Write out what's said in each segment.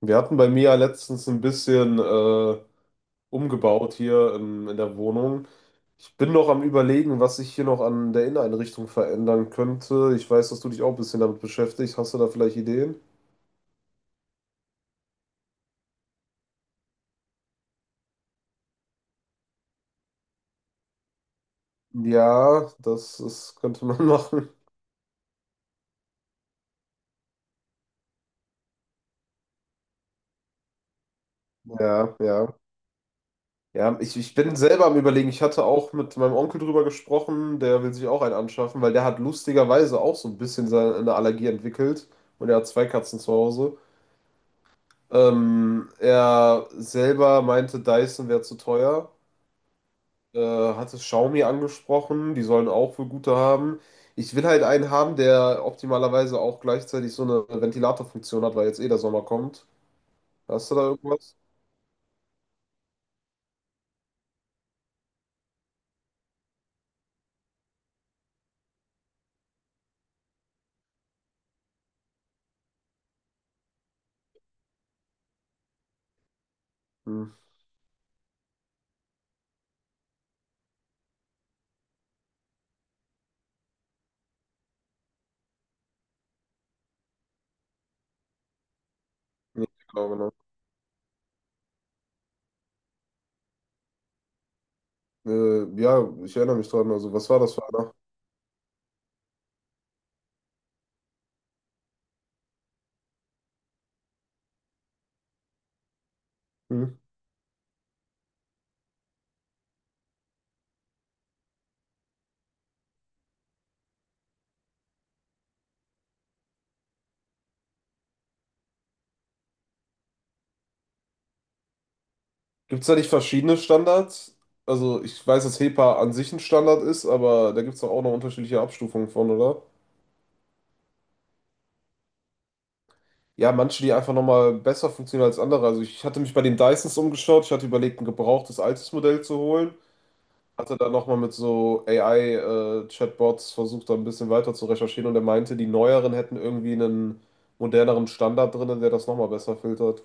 Wir hatten bei mir ja letztens ein bisschen umgebaut hier in der Wohnung. Ich bin noch am Überlegen, was ich hier noch an der Inneneinrichtung verändern könnte. Ich weiß, dass du dich auch ein bisschen damit beschäftigst. Hast du da vielleicht Ideen? Ja, das ist, könnte man machen. Ja, ja. Ja, ich bin selber am Überlegen. Ich hatte auch mit meinem Onkel drüber gesprochen. Der will sich auch einen anschaffen, weil der hat lustigerweise auch so ein bisschen seine, eine Allergie entwickelt. Und er hat zwei Katzen zu Hause. Er selber meinte, Dyson wäre zu teuer. Äh, Hatte Xiaomi angesprochen, die sollen auch wohl gute haben. Ich will halt einen haben, der optimalerweise auch gleichzeitig so eine Ventilatorfunktion hat, weil jetzt eh der Sommer kommt. Hast du da irgendwas? Hm, nee, genau, genau. Ja, ich erinnere mich dran. Also, was war das für einer? Hm. Gibt es da nicht verschiedene Standards? Also, ich weiß, dass HEPA an sich ein Standard ist, aber da gibt es doch auch noch unterschiedliche Abstufungen von, oder? Ja, manche, die einfach nochmal besser funktionieren als andere. Also ich hatte mich bei den Dysons umgeschaut. Ich hatte überlegt, ein gebrauchtes altes Modell zu holen. Hatte dann nochmal mit so AI-Chatbots versucht, da ein bisschen weiter zu recherchieren. Und er meinte, die neueren hätten irgendwie einen moderneren Standard drin, der das nochmal besser filtert.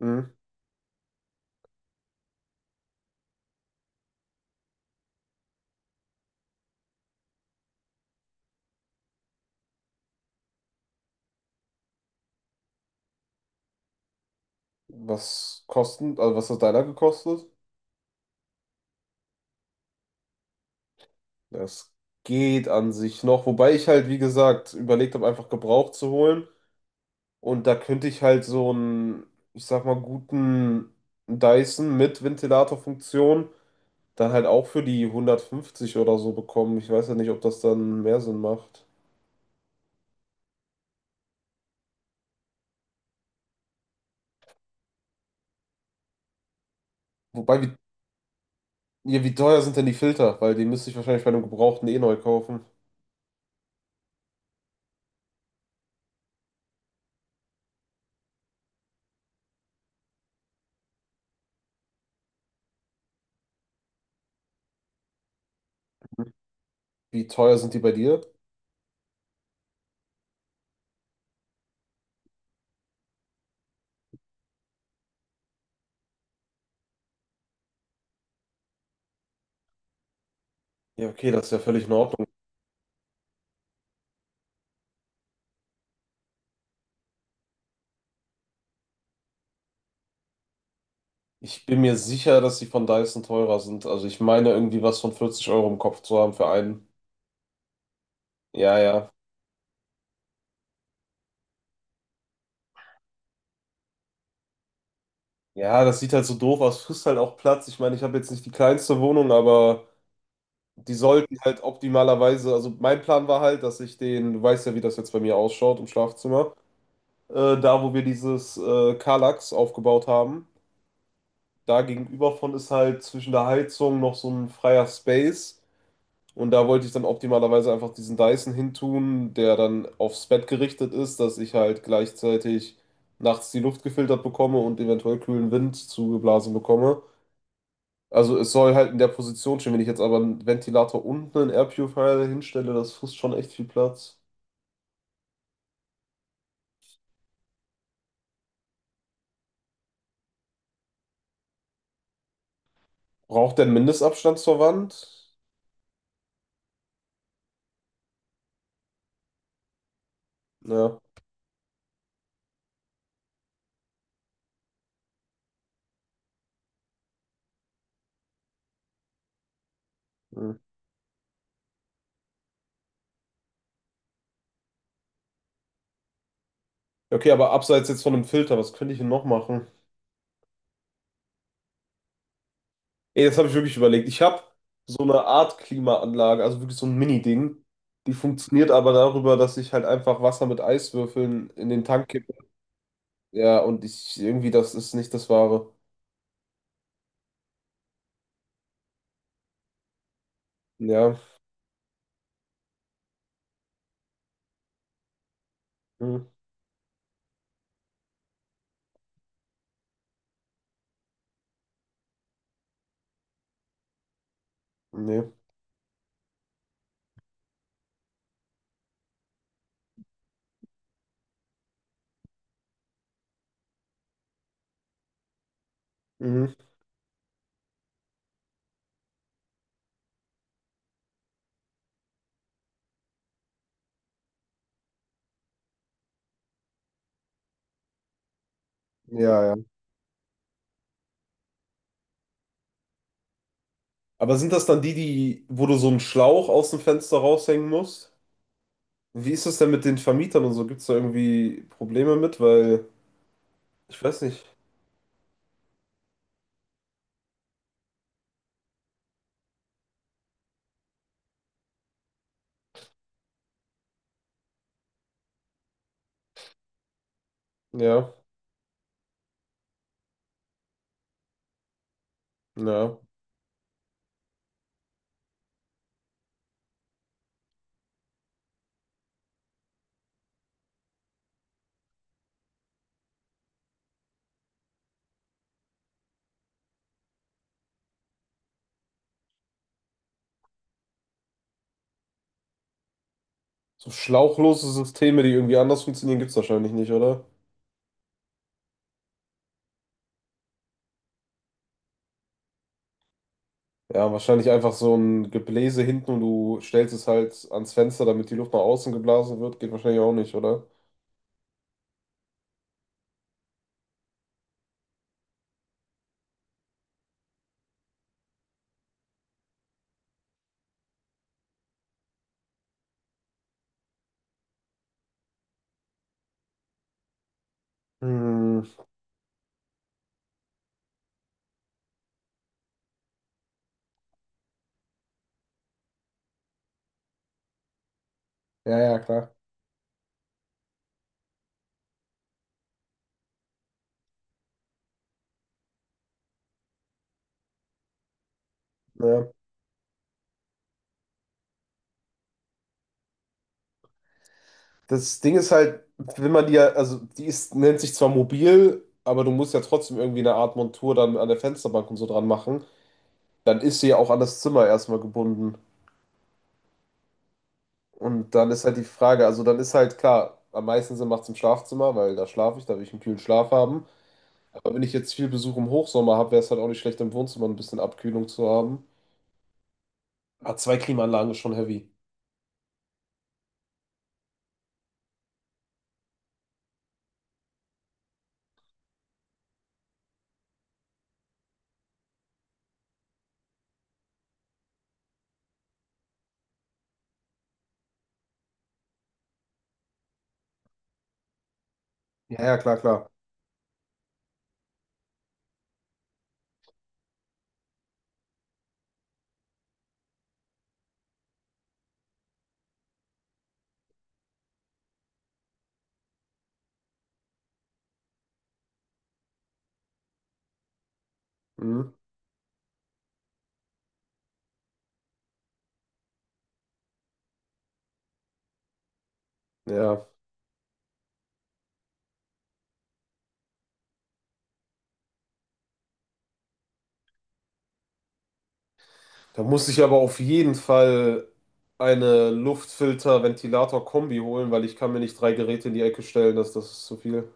Mhm. Was kosten, also was hat deiner gekostet? Das geht an sich noch. Wobei ich halt, wie gesagt, überlegt habe, einfach gebraucht zu holen. Und da könnte ich halt so einen, ich sag mal, guten Dyson mit Ventilatorfunktion dann halt auch für die 150 oder so bekommen. Ich weiß ja nicht, ob das dann mehr Sinn macht. Wobei, wie, ja, wie teuer sind denn die Filter? Weil die müsste ich wahrscheinlich bei einem gebrauchten eh neu kaufen. Wie teuer sind die bei dir? Ja, okay, das ist ja völlig in Ordnung. Ich bin mir sicher, dass die von Dyson teurer sind. Also ich meine irgendwie was von 40 € im Kopf zu haben für einen. Ja, ja. Ja, das sieht halt so doof aus, frisst halt auch Platz. Ich meine, ich habe jetzt nicht die kleinste Wohnung, aber die sollten halt optimalerweise, also mein Plan war halt, dass ich den, du weißt ja, wie das jetzt bei mir ausschaut im Schlafzimmer, da wo wir dieses Kallax aufgebaut haben, da gegenüber von ist halt zwischen der Heizung noch so ein freier Space und da wollte ich dann optimalerweise einfach diesen Dyson hintun, der dann aufs Bett gerichtet ist, dass ich halt gleichzeitig nachts die Luft gefiltert bekomme und eventuell kühlen Wind zugeblasen bekomme. Also es soll halt in der Position stehen. Wenn ich jetzt aber einen Ventilator und einen Air Purifier hinstelle, das frisst schon echt viel Platz. Braucht der einen Mindestabstand zur Wand? Ja. Hm. Okay, aber abseits jetzt von dem Filter, was könnte ich denn noch machen? Ey, das habe ich wirklich überlegt. Ich habe so eine Art Klimaanlage, also wirklich so ein Mini-Ding. Die funktioniert aber darüber, dass ich halt einfach Wasser mit Eiswürfeln in den Tank kippe. Ja, und ich irgendwie, das ist nicht das Wahre. Ja. Hm. Nee. Mhm. Ja, ja. Aber sind das dann die, die, wo du so einen Schlauch aus dem Fenster raushängen musst? Wie ist das denn mit den Vermietern und so? Gibt es da irgendwie Probleme mit? Weil, ich weiß nicht. Ja, ja. So schlauchlose Systeme, die irgendwie anders funktionieren, gibt es wahrscheinlich nicht, oder? Ja, wahrscheinlich einfach so ein Gebläse hinten und du stellst es halt ans Fenster, damit die Luft nach außen geblasen wird, geht wahrscheinlich auch nicht, oder? Hm, ja, ja, klar. Ja. Das Ding ist halt, wenn man die ja, also die ist, nennt sich zwar mobil, aber du musst ja trotzdem irgendwie eine Art Montur dann an der Fensterbank und so dran machen. Dann ist sie ja auch an das Zimmer erstmal gebunden. Und dann ist halt die Frage, also dann ist halt klar, am meisten Sinn macht es im Schlafzimmer, weil da schlafe ich, da will ich einen kühlen Schlaf haben. Aber wenn ich jetzt viel Besuch im Hochsommer habe, wäre es halt auch nicht schlecht, im Wohnzimmer ein bisschen Abkühlung zu haben. Aber zwei Klimaanlagen ist schon heavy. Ja, ja, klar, klar. Mhm. Ja. Da muss ich aber auf jeden Fall eine Luftfilter-Ventilator-Kombi holen, weil ich kann mir nicht drei Geräte in die Ecke stellen, das, das ist zu viel.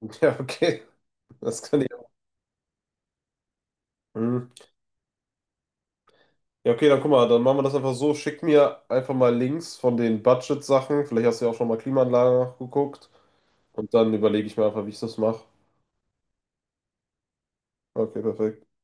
Ja, okay, das kann ich. Hm. Ja, okay, dann guck mal, dann machen wir das einfach so. Schick mir einfach mal Links von den Budget-Sachen. Vielleicht hast du ja auch schon mal Klimaanlagen nachgeguckt. Und dann überlege ich mir einfach, wie ich das mache. Okay, perfekt.